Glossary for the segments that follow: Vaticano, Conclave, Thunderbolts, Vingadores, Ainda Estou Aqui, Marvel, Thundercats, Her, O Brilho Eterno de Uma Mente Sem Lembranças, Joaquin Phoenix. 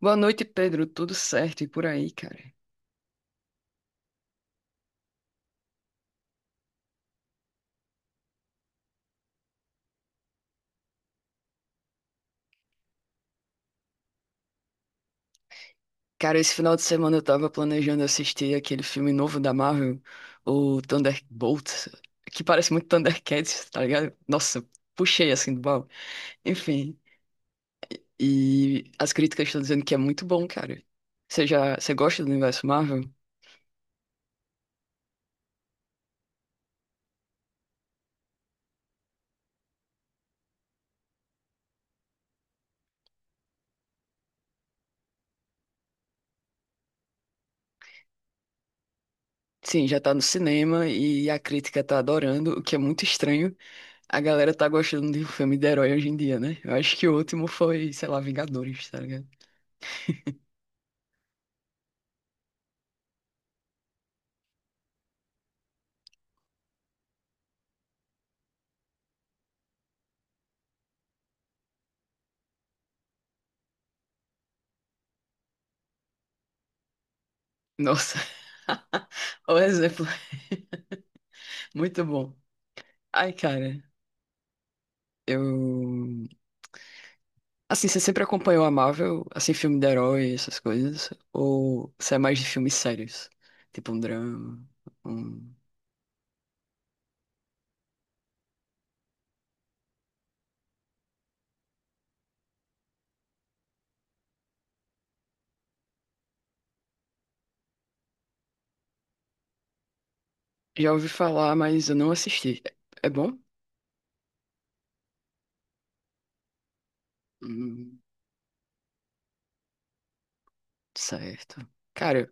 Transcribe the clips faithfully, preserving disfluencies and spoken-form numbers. Boa noite, Pedro. Tudo certo e por aí, cara? Cara, esse final de semana eu tava planejando assistir aquele filme novo da Marvel, o Thunderbolts, que parece muito Thundercats, tá ligado? Nossa, puxei assim do baú. Enfim, e as críticas estão dizendo que é muito bom, cara. Você já, você gosta do universo Marvel? Sim, já tá no cinema e a crítica tá adorando, o que é muito estranho. A galera tá gostando de um filme de herói hoje em dia, né? Eu acho que o último foi, sei lá, Vingadores, tá ligado? Nossa, o exemplo. Muito bom. Ai, cara, eu. Assim, você sempre acompanhou a Marvel, assim, filme de herói, essas coisas? Ou você é mais de filmes sérios? Tipo um drama? um- Já ouvi falar, mas eu não assisti. É é bom? Hum, certo. Cara,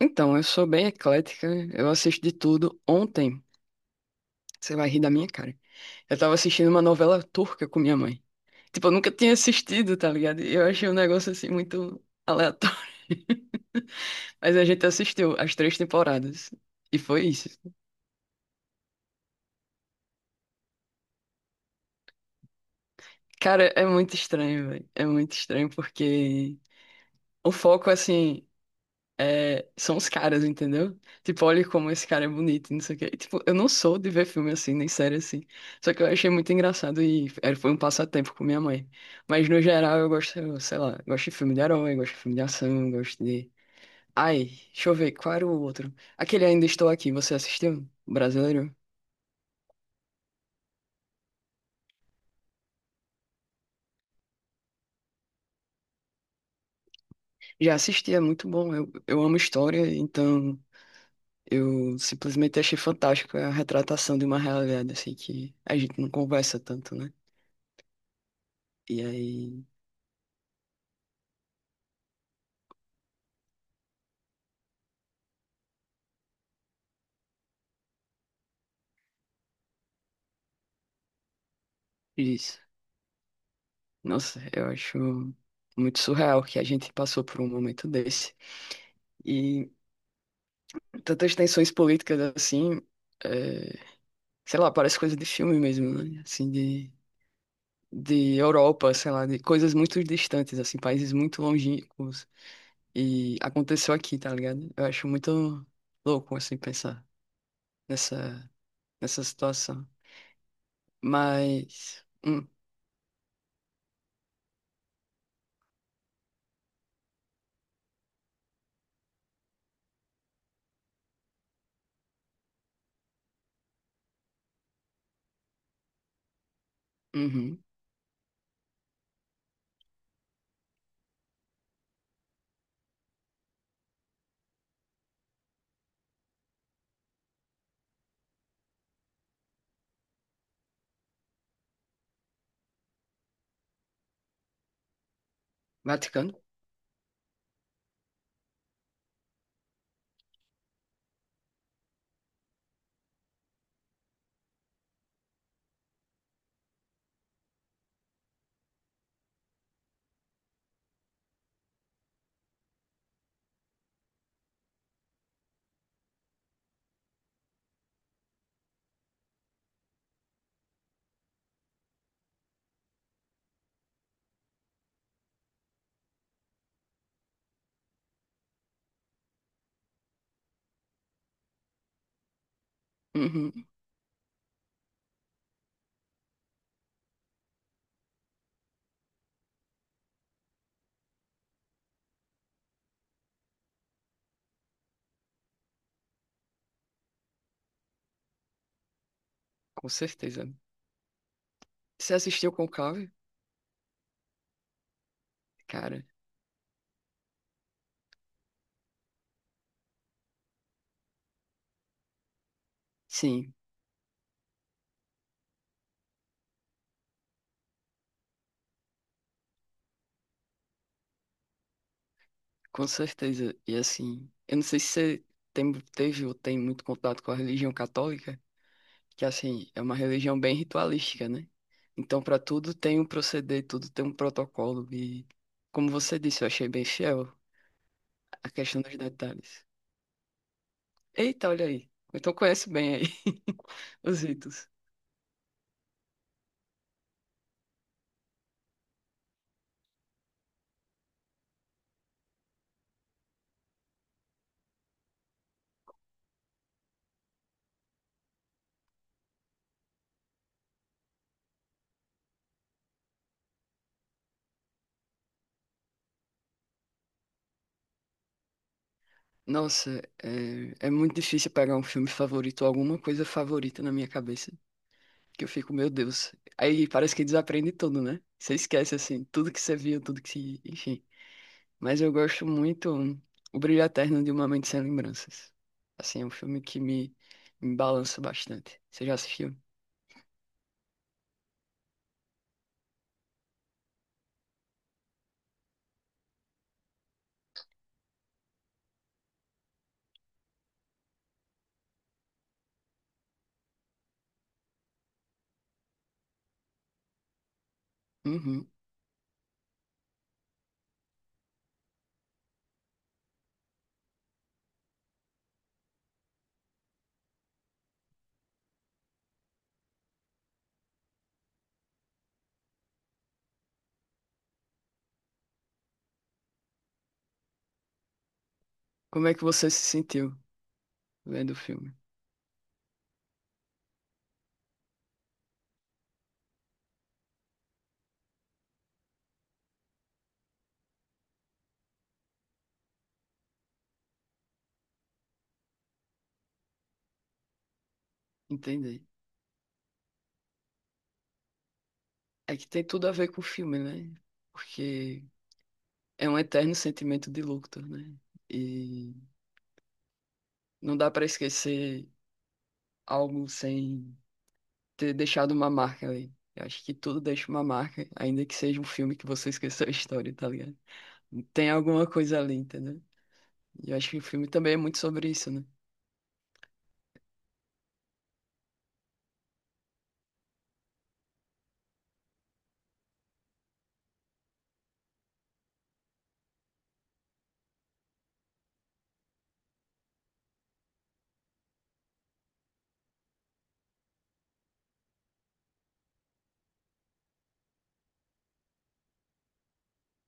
então, eu sou bem eclética, eu assisto de tudo. Ontem, você vai rir da minha cara. Eu tava assistindo uma novela turca com minha mãe. Tipo, eu nunca tinha assistido, tá ligado? E eu achei um negócio assim muito aleatório. Mas a gente assistiu as três temporadas. E foi isso. Cara, é muito estranho, velho. É muito estranho porque o foco, assim, é... são os caras, entendeu? Tipo, olha como esse cara é bonito, não sei o quê. E, tipo, eu não sou de ver filme assim, nem série assim. Só que eu achei muito engraçado e era- foi um passatempo com minha mãe. Mas no geral eu gosto, sei lá, gosto de filme de herói, gosto de filme de ação, gosto de. Ai, deixa eu ver, qual era o outro? Aquele Ainda Estou Aqui, você assistiu? Brasileiro? Já assisti, é muito bom. Eu, eu amo história, então eu simplesmente achei fantástico a retratação de uma realidade, assim, que a gente não conversa tanto, né? E aí, isso. Nossa, eu acho muito surreal que a gente passou por um momento desse. E tantas tensões políticas, assim, é, sei lá, parece coisa de filme mesmo, né? Assim, de de Europa, sei lá, de coisas muito distantes, assim, países muito longínquos. E aconteceu aqui, tá ligado? Eu acho muito louco, assim, pensar nessa, nessa situação. Mas. Hum, uhum. Vaticano? Uhum, com certeza. Você assistiu Conclave? Cara, sim, com certeza. E assim, eu não sei se você tem, teve ou tem muito contato com a religião católica. Que assim, é uma religião bem ritualística, né? Então, para tudo tem um proceder, tudo tem um protocolo. E, como você disse, eu achei bem fiel a questão dos detalhes. Eita, olha aí. Então, conheço bem aí os ritos. Nossa, é, é muito difícil pegar um filme favorito ou alguma coisa favorita na minha cabeça, que eu fico, meu Deus. Aí parece que desaprende tudo, né? Você esquece, assim, tudo que você viu, tudo que, enfim. Mas eu gosto muito O Brilho Eterno de Uma Mente Sem Lembranças. Assim, é um filme que me, me balança bastante. Você já assistiu? Uhum. Como é que você se sentiu vendo o filme? Entendi. É que tem tudo a ver com o filme, né? Porque é um eterno sentimento de luto, né? E não dá pra esquecer algo sem ter deixado uma marca ali. Eu acho que tudo deixa uma marca, ainda que seja um filme que você esqueceu a história, tá ligado? Tem alguma coisa ali, entendeu? E eu acho que o filme também é muito sobre isso, né?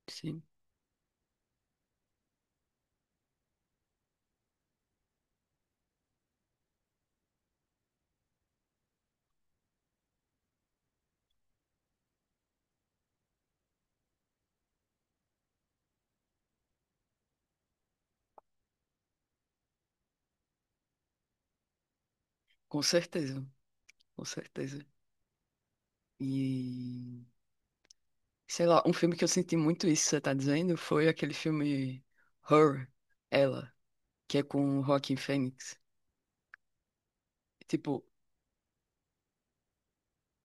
Sim, com certeza, com certeza. E sei lá, um filme que eu senti muito isso, que você tá dizendo, foi aquele filme Her, Ela, que é com o Joaquin Phoenix. Tipo,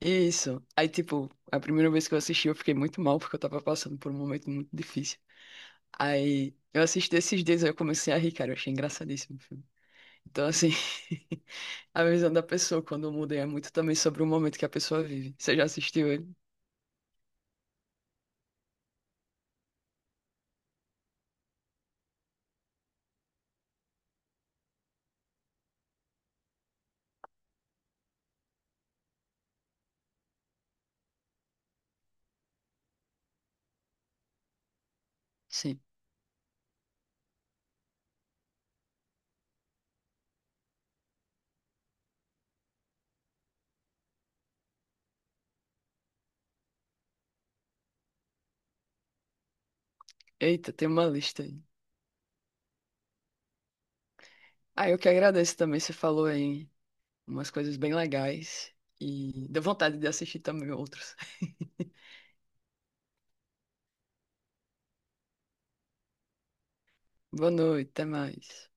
isso. Aí, tipo, a primeira vez que eu assisti, eu fiquei muito mal porque eu tava passando por um momento muito difícil. Aí eu assisti esses dias, aí eu comecei a rir, cara, eu achei engraçadíssimo o filme. Então, assim, a visão da pessoa quando muda é muito também sobre o momento que a pessoa vive. Você já assistiu ele? Sim. Eita, tem uma lista aí. Ah, eu que agradeço também. Você falou aí umas coisas bem legais e deu vontade de assistir também outros. Boa noite, até mais.